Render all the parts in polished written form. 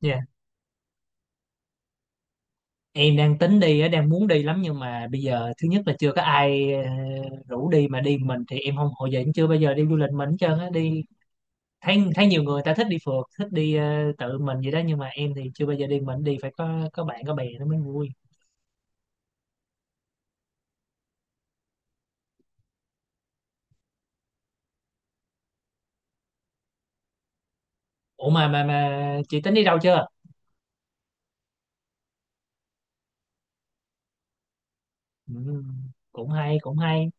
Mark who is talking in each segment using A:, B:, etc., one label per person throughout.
A: Dạ, em đang tính đi, á, đang muốn đi lắm nhưng mà bây giờ thứ nhất là chưa có ai, rủ đi mà đi mình thì em không, hồi giờ em chưa bao giờ đi du lịch mình hết trơn á, đi thấy thấy nhiều người ta thích đi phượt, thích đi tự mình vậy đó, nhưng mà em thì chưa bao giờ đi mình, đi phải có bạn có bè nó mới vui. Ủa mà chị tính đi đâu chưa? Ừ, cũng hay cũng hay.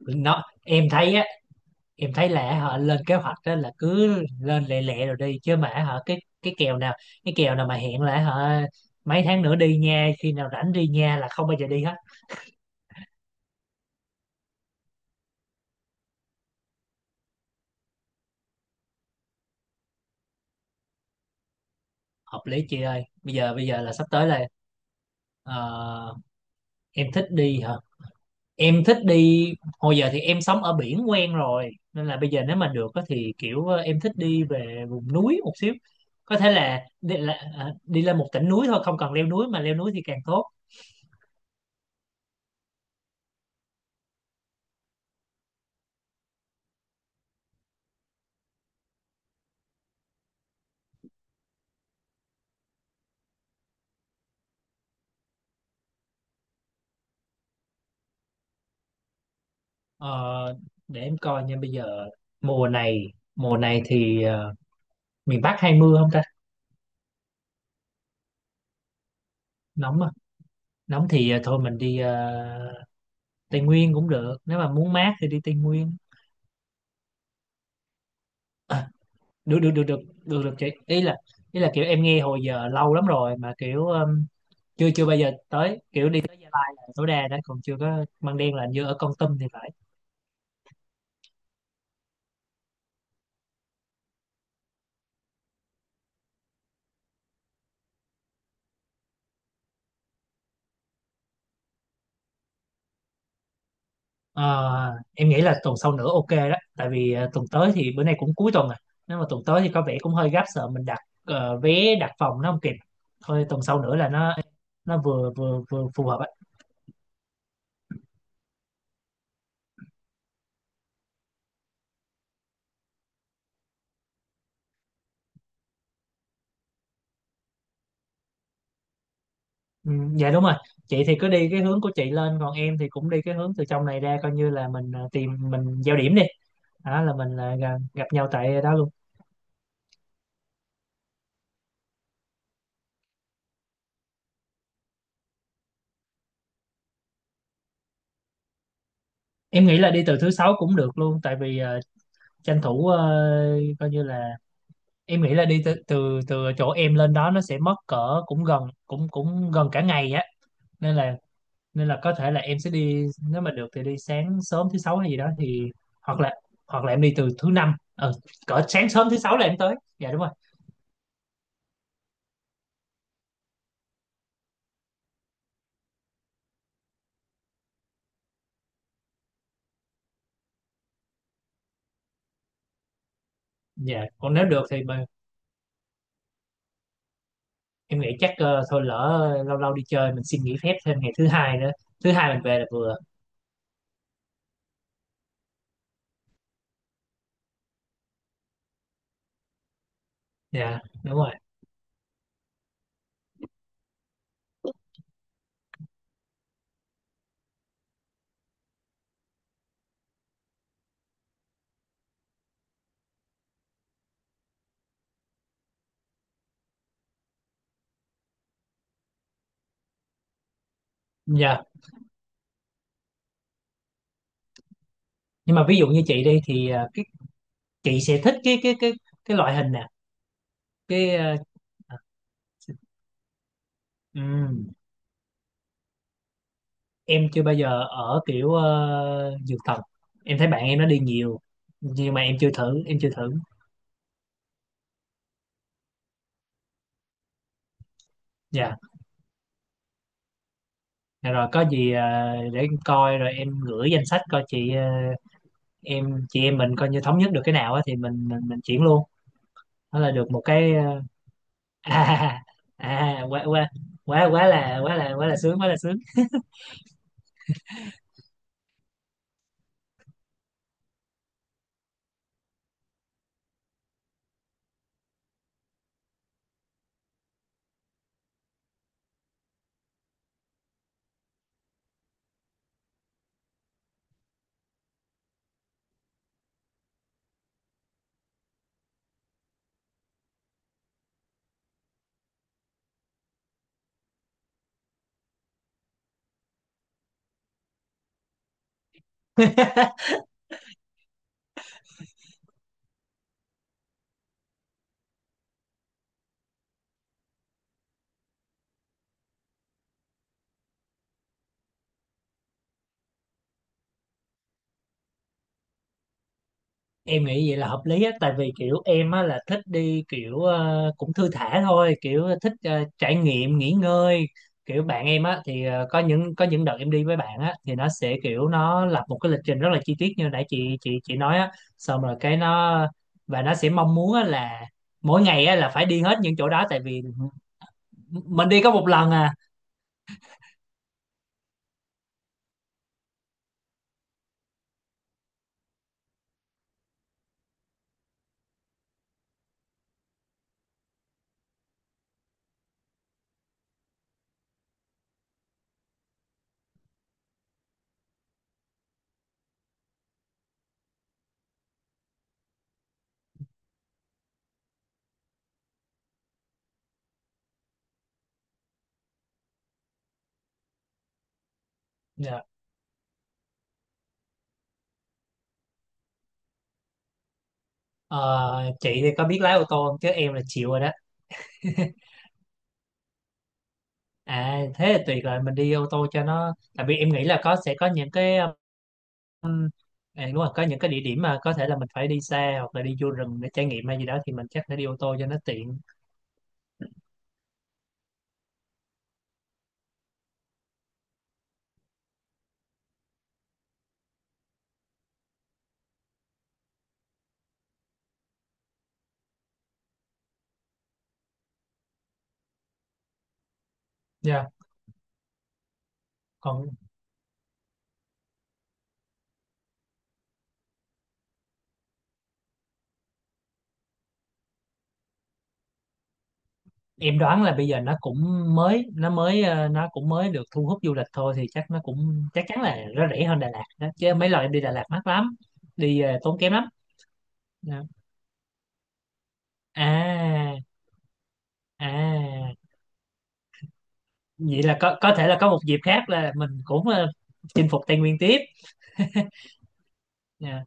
A: Em thấy á, em thấy là họ lên kế hoạch đó là cứ lên lẹ lẹ rồi đi, chứ mà họ cái kèo nào cái kèo nào mà hẹn là họ mấy tháng nữa đi nha, khi nào rảnh đi nha, là không bao giờ đi hết. Hợp lý chị ơi, bây giờ là sắp tới là, ờ, em thích đi hả? Em thích đi. Hồi giờ thì em sống ở biển quen rồi, nên là bây giờ nếu mà được á thì kiểu em thích đi về vùng núi một xíu. Có thể là đi lên một tỉnh núi thôi, không cần leo núi, mà leo núi thì càng tốt. Ờ, để em coi nha. Bây giờ mùa này thì miền Bắc hay mưa không ta? Nóng à? Nóng thì thôi mình đi Tây Nguyên cũng được, nếu mà muốn mát thì đi Tây Nguyên. à, được, được, được, được, được, được, chị ý là, kiểu em nghe hồi giờ lâu lắm rồi mà kiểu, chưa chưa bao giờ tới, kiểu đi tới Gia Lai là tối đa đó, còn chưa có Măng Đen, là hình như ở Kon Tum thì phải. Ờ, em nghĩ là tuần sau nữa ok đó, tại vì tuần tới thì bữa nay cũng cuối tuần rồi, nếu mà tuần tới thì có vẻ cũng hơi gấp, sợ mình đặt vé, đặt phòng nó không kịp, thôi tuần sau nữa là nó vừa vừa vừa phù hợp ấy. Ừ, dạ đúng rồi, chị thì cứ đi cái hướng của chị lên, còn em thì cũng đi cái hướng từ trong này ra, coi như là mình tìm mình giao điểm đi, đó là mình là gặp, gặp nhau tại đó luôn. Em nghĩ là đi từ thứ sáu cũng được luôn, tại vì tranh thủ, coi như là, em nghĩ là đi từ từ từ chỗ em lên đó nó sẽ mất cỡ cũng gần cả ngày á, nên là nên là có thể là em sẽ đi, nếu mà được thì đi sáng sớm thứ sáu hay gì đó, thì hoặc là hoặc là em đi từ thứ năm, cỡ sáng sớm thứ sáu là em tới, dạ đúng rồi. Dạ, còn nếu được thì mà, em nghĩ chắc, thôi lỡ lâu lâu đi chơi mình xin nghỉ phép thêm ngày thứ hai nữa, thứ hai mình về là vừa. Dạ đúng rồi. Dạ. Nhưng mà ví dụ như chị đi thì cái chị sẽ thích cái loại hình nè. cái ờ, ừ. Em chưa bao giờ ở kiểu dược thần. Em thấy bạn em nó đi nhiều, nhưng mà em chưa thử, em chưa thử. Dạ. Dạ rồi, có gì để em coi rồi em gửi danh sách coi, chị chị em mình coi, như thống nhất được cái nào á thì mình, chuyển luôn, đó là được một cái à, à quá quá, quá quá là quá, là quá, là sướng, quá là sướng. Em nghĩ vậy là hợp lý á, tại vì kiểu em á là thích đi kiểu cũng thư thả thôi, kiểu thích trải nghiệm, nghỉ ngơi, kiểu bạn em á thì có những đợt em đi với bạn á thì nó sẽ kiểu, nó lập một cái lịch trình rất là chi tiết như nãy chị nói á, xong rồi cái nó, và nó sẽ mong muốn á là mỗi ngày á là phải đi hết những chỗ đó, tại vì mình đi có một lần à. Dạ. Ờ, chị thì có biết lái ô tô không chứ em là chịu rồi đó. À thế là tuyệt rồi, mình đi ô tô cho nó tại vì em nghĩ là sẽ có những cái, à, đúng rồi, có những cái địa điểm mà có thể là mình phải đi xa hoặc là đi vô rừng để trải nghiệm hay gì đó, thì mình chắc phải đi ô tô cho nó tiện. Dạ. Còn em đoán là bây giờ nó cũng mới, nó mới ờ, nó cũng mới được thu hút du lịch thôi, thì chắc nó cũng, chắc chắn là nó rẻ hơn Đà Lạt đó. Chứ mấy lần em đi Đà Lạt mắc lắm, đi tốn kém lắm. Dạ. À, à, vậy là có thể là có một dịp khác là mình cũng chinh phục Tây Nguyên tiếp. Dạ,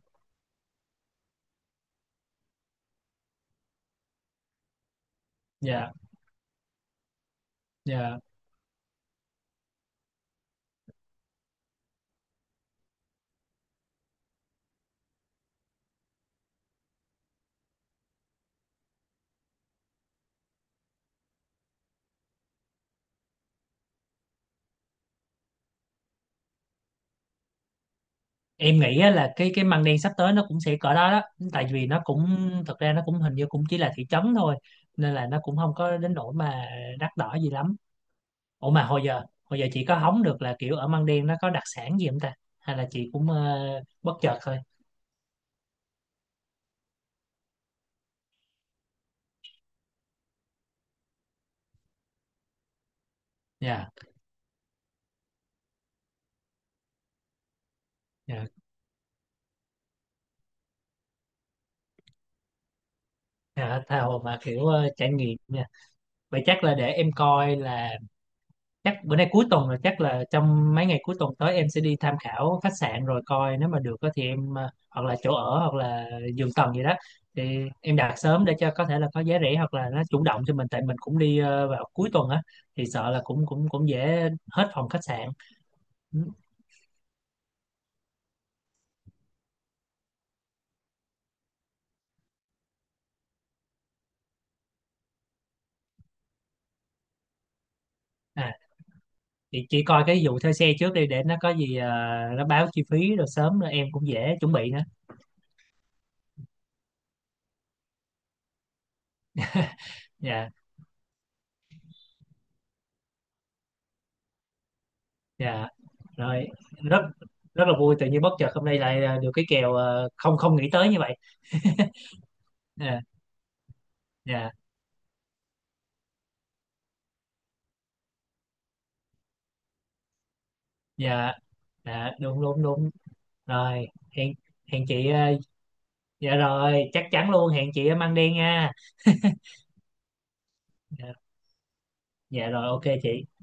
A: dạ, dạ. Em nghĩ á là cái măng đen sắp tới nó cũng sẽ cỡ đó đó, tại vì nó cũng, thực ra nó cũng hình như cũng chỉ là thị trấn thôi, nên là nó cũng không có đến nỗi mà đắt đỏ gì lắm. Ủa mà hồi giờ, hồi giờ chị có hóng được là kiểu ở măng đen nó có đặc sản gì không ta, hay là chị cũng bất chợt thôi? Dạ. Dạ, dạ, tha hồ mà kiểu trải nghiệm nha. Vậy chắc là để em coi là, chắc bữa nay cuối tuần rồi, chắc là trong mấy ngày cuối tuần tới em sẽ đi tham khảo khách sạn rồi coi, nếu mà được á thì em, hoặc là chỗ ở hoặc là giường tầng gì đó thì em đặt sớm, để cho có thể là có giá rẻ, hoặc là nó chủ động cho mình, tại mình cũng đi vào cuối tuần á thì sợ là cũng cũng cũng dễ hết phòng khách sạn. Ừ. À thì chỉ coi cái vụ thuê xe trước đi, để nó có gì nó báo chi phí rồi sớm, rồi em cũng dễ chuẩn bị nữa. Dạ. Dạ rồi. Rất rất là vui, tự nhiên bất chợt hôm nay lại được cái kèo, không không nghĩ tới như vậy. Ờ, dạ, dạ, dạ, đúng, đúng, đúng rồi. Hẹn, hẹn chị, dạ rồi chắc chắn luôn, hẹn chị ở Măng Đen nha. Dạ, dạ rồi, ok chị.